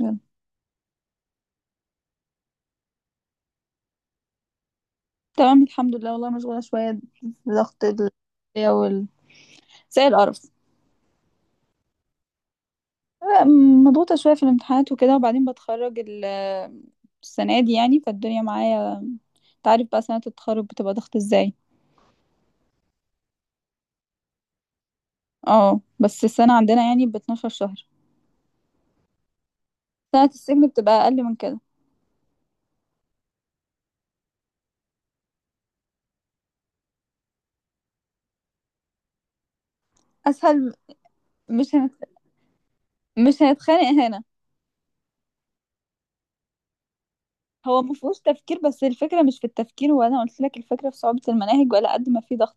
يلا. تمام الحمد لله، والله مشغولة شوية. ضغط ال وال زي القرف. مضغوطة شوية في الامتحانات وكده، وبعدين بتخرج السنة دي يعني فالدنيا معايا. انت عارف بقى سنة التخرج بتبقى ضغط ازاي. اه، بس السنة عندنا يعني ب 12 شهر. سنة السجن بتبقى أقل من كده. أسهل. مش هنت... مش هنتخانق هنا. هو ما فيهوش تفكير، بس الفكرة مش في التفكير، وانا قلت لك الفكرة في صعوبة المناهج ولا قد ما في ضغط.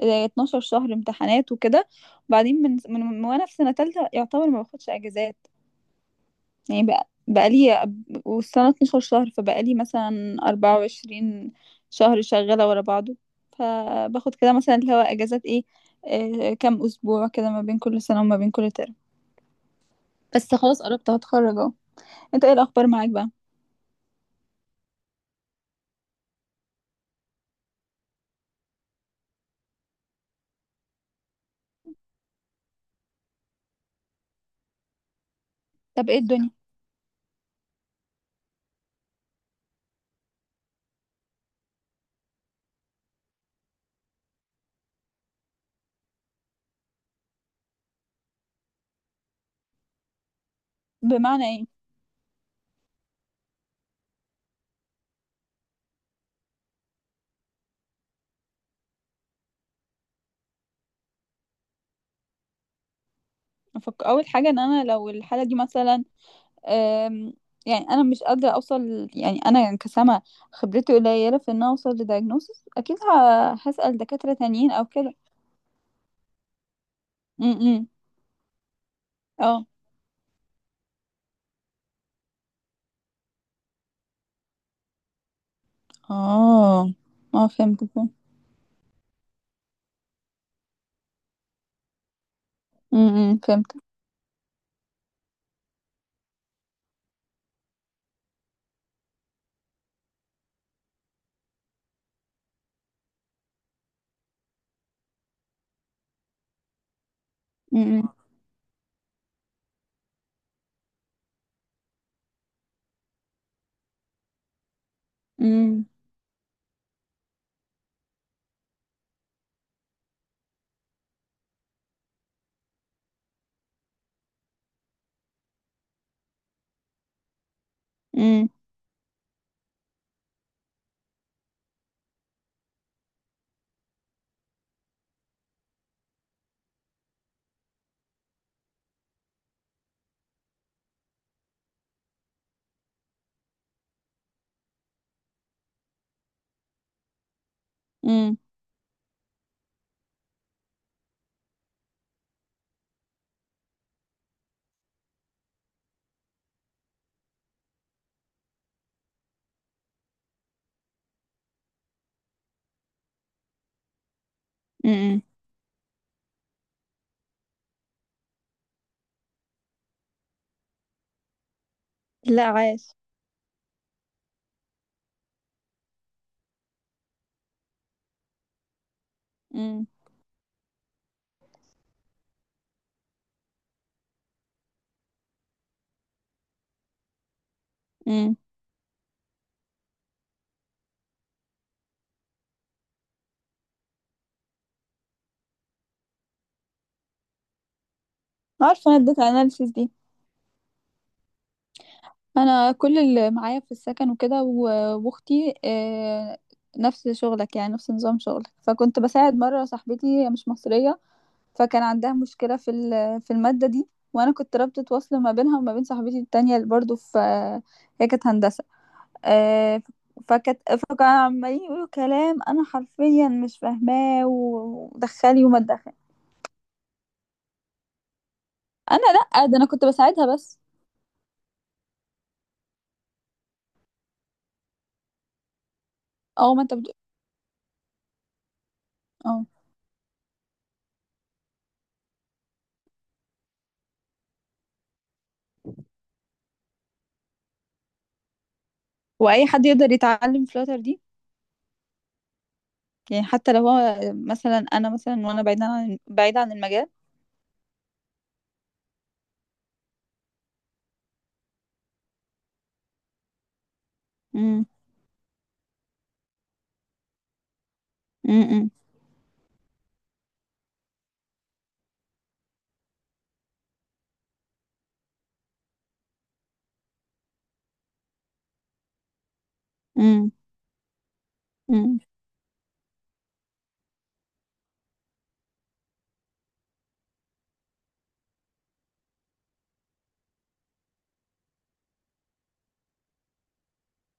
آه، 12 شهر امتحانات وكده. وبعدين من وانا في سنة تالتة يعتبر ما باخدش اجازات. يعني بقى لي، والسنة 12 شهر، فبقى لي مثلا 24 شهر شغالة ورا بعضه. فباخد كده مثلا اللي هو اجازات ايه. آه، كام اسبوع كده ما بين كل سنة وما بين كل ترم. بس خلاص قربت هتخرج اهو. انت ايه الاخبار معاك بقى. طب ايه الدنيا. بمعنى إيه؟ اول حاجه ان انا لو الحاله دي مثلا. أم... يعني انا مش قادره اوصل. يعني انا كسامه خبرتي قليله في ان أنا اوصل لدايجنوسيس اكيد. هسال دكاتره تانيين او كده. امم. اه اه اه فهمت فهمت. إمم، فهمت. امم امم امم امم إمم. إمم. لا عايش. امم امم. عارفه انا اديت اناليسيس. انا كل اللي معايا في السكن وكده واختي. نفس شغلك يعني نفس نظام شغلك، فكنت بساعد مره صاحبتي هي مش مصريه. فكان عندها مشكله في الماده دي، وانا كنت رابطه وصل ما بينها وما بين صاحبتي التانية اللي برضو في. هي كانت هندسه. آه، فكانت فكانوا عمالين يقولوا كلام انا حرفيا مش فاهماه، ودخلي وما تدخلي. انا، لا، ده انا كنت بساعدها بس. اه، ما انت بتقول. اه. واي حد يقدر يتعلم فلاتر دي؟ يعني حتى لو هو. مثلا انا مثلا، وانا بعيدة عن المجال. امم امم امم امم.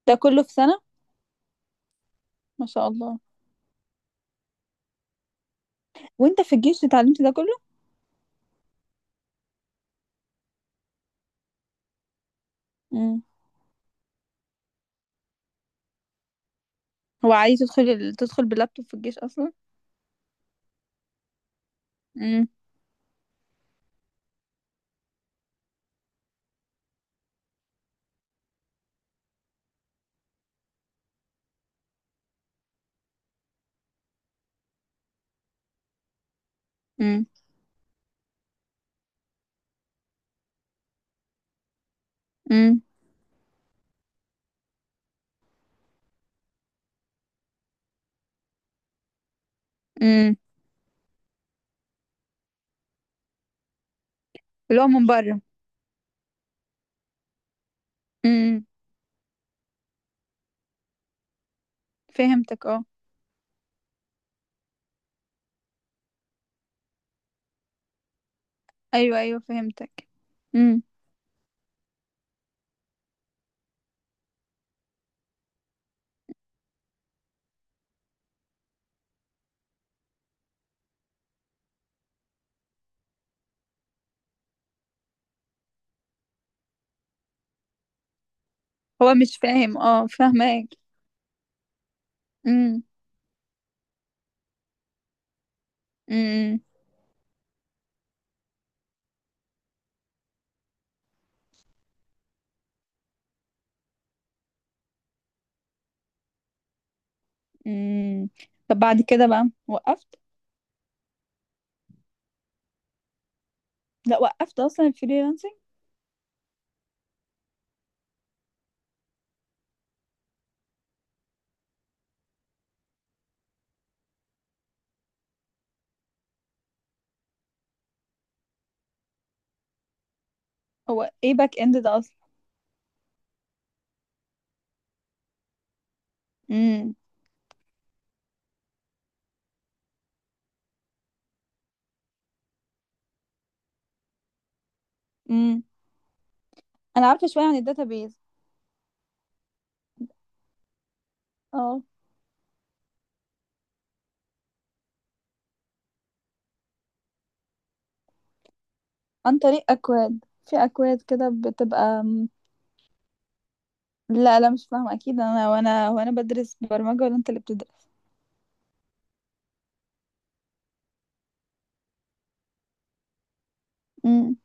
ده كله في سنة؟ ما شاء الله. وانت في الجيش اتعلمت ده كله؟ امم. هو عادي تدخل باللابتوب في الجيش اصلا؟ امم امم امم امم. اللي هو من بره. امم، فهمتك اه. ايوه ايوه فهمتك. امم. هو مش فاهم، اه فاهمك. امم امم امم. طب بعد كده بقى وقفت. لا، وقفت اصلا الفريلانسنج. هو ايه باك اند ده اصلا؟ امم. انا عارفه شويه عن الداتابيز. اه. عن طريق اكواد، في اكواد كده بتبقى لا لا مش فاهمه اكيد، انا وانا وانا بدرس برمجه، ولا انت اللي بتدرس؟ امم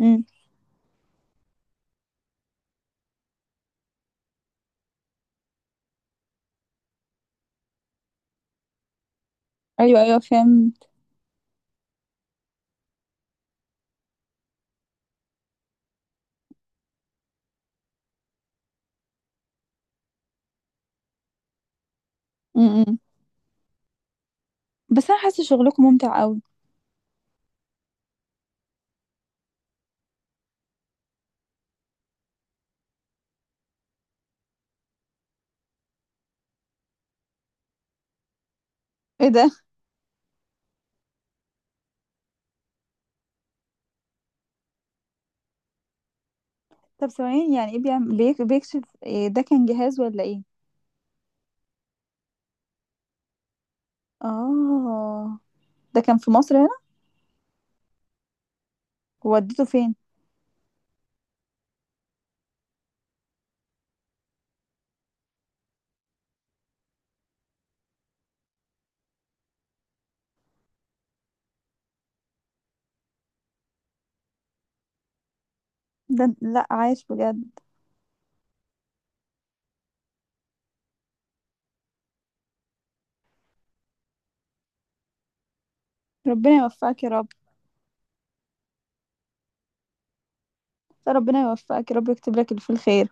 امم. ايوه ايوه فهمت. امم. بس انا حاسه شغلكم ممتع قوي. ايه ده؟ طب ثواني، يعني ايه بيعمل بيكشف إيه؟ ده كان جهاز ولا ايه؟ اه. ده كان في مصر هنا؟ وديته فين؟ ده لا عايش بجد. ربنا يوفقك يا رب. لا ربنا يوفقك يا رب يكتب لك اللي فيه الخير.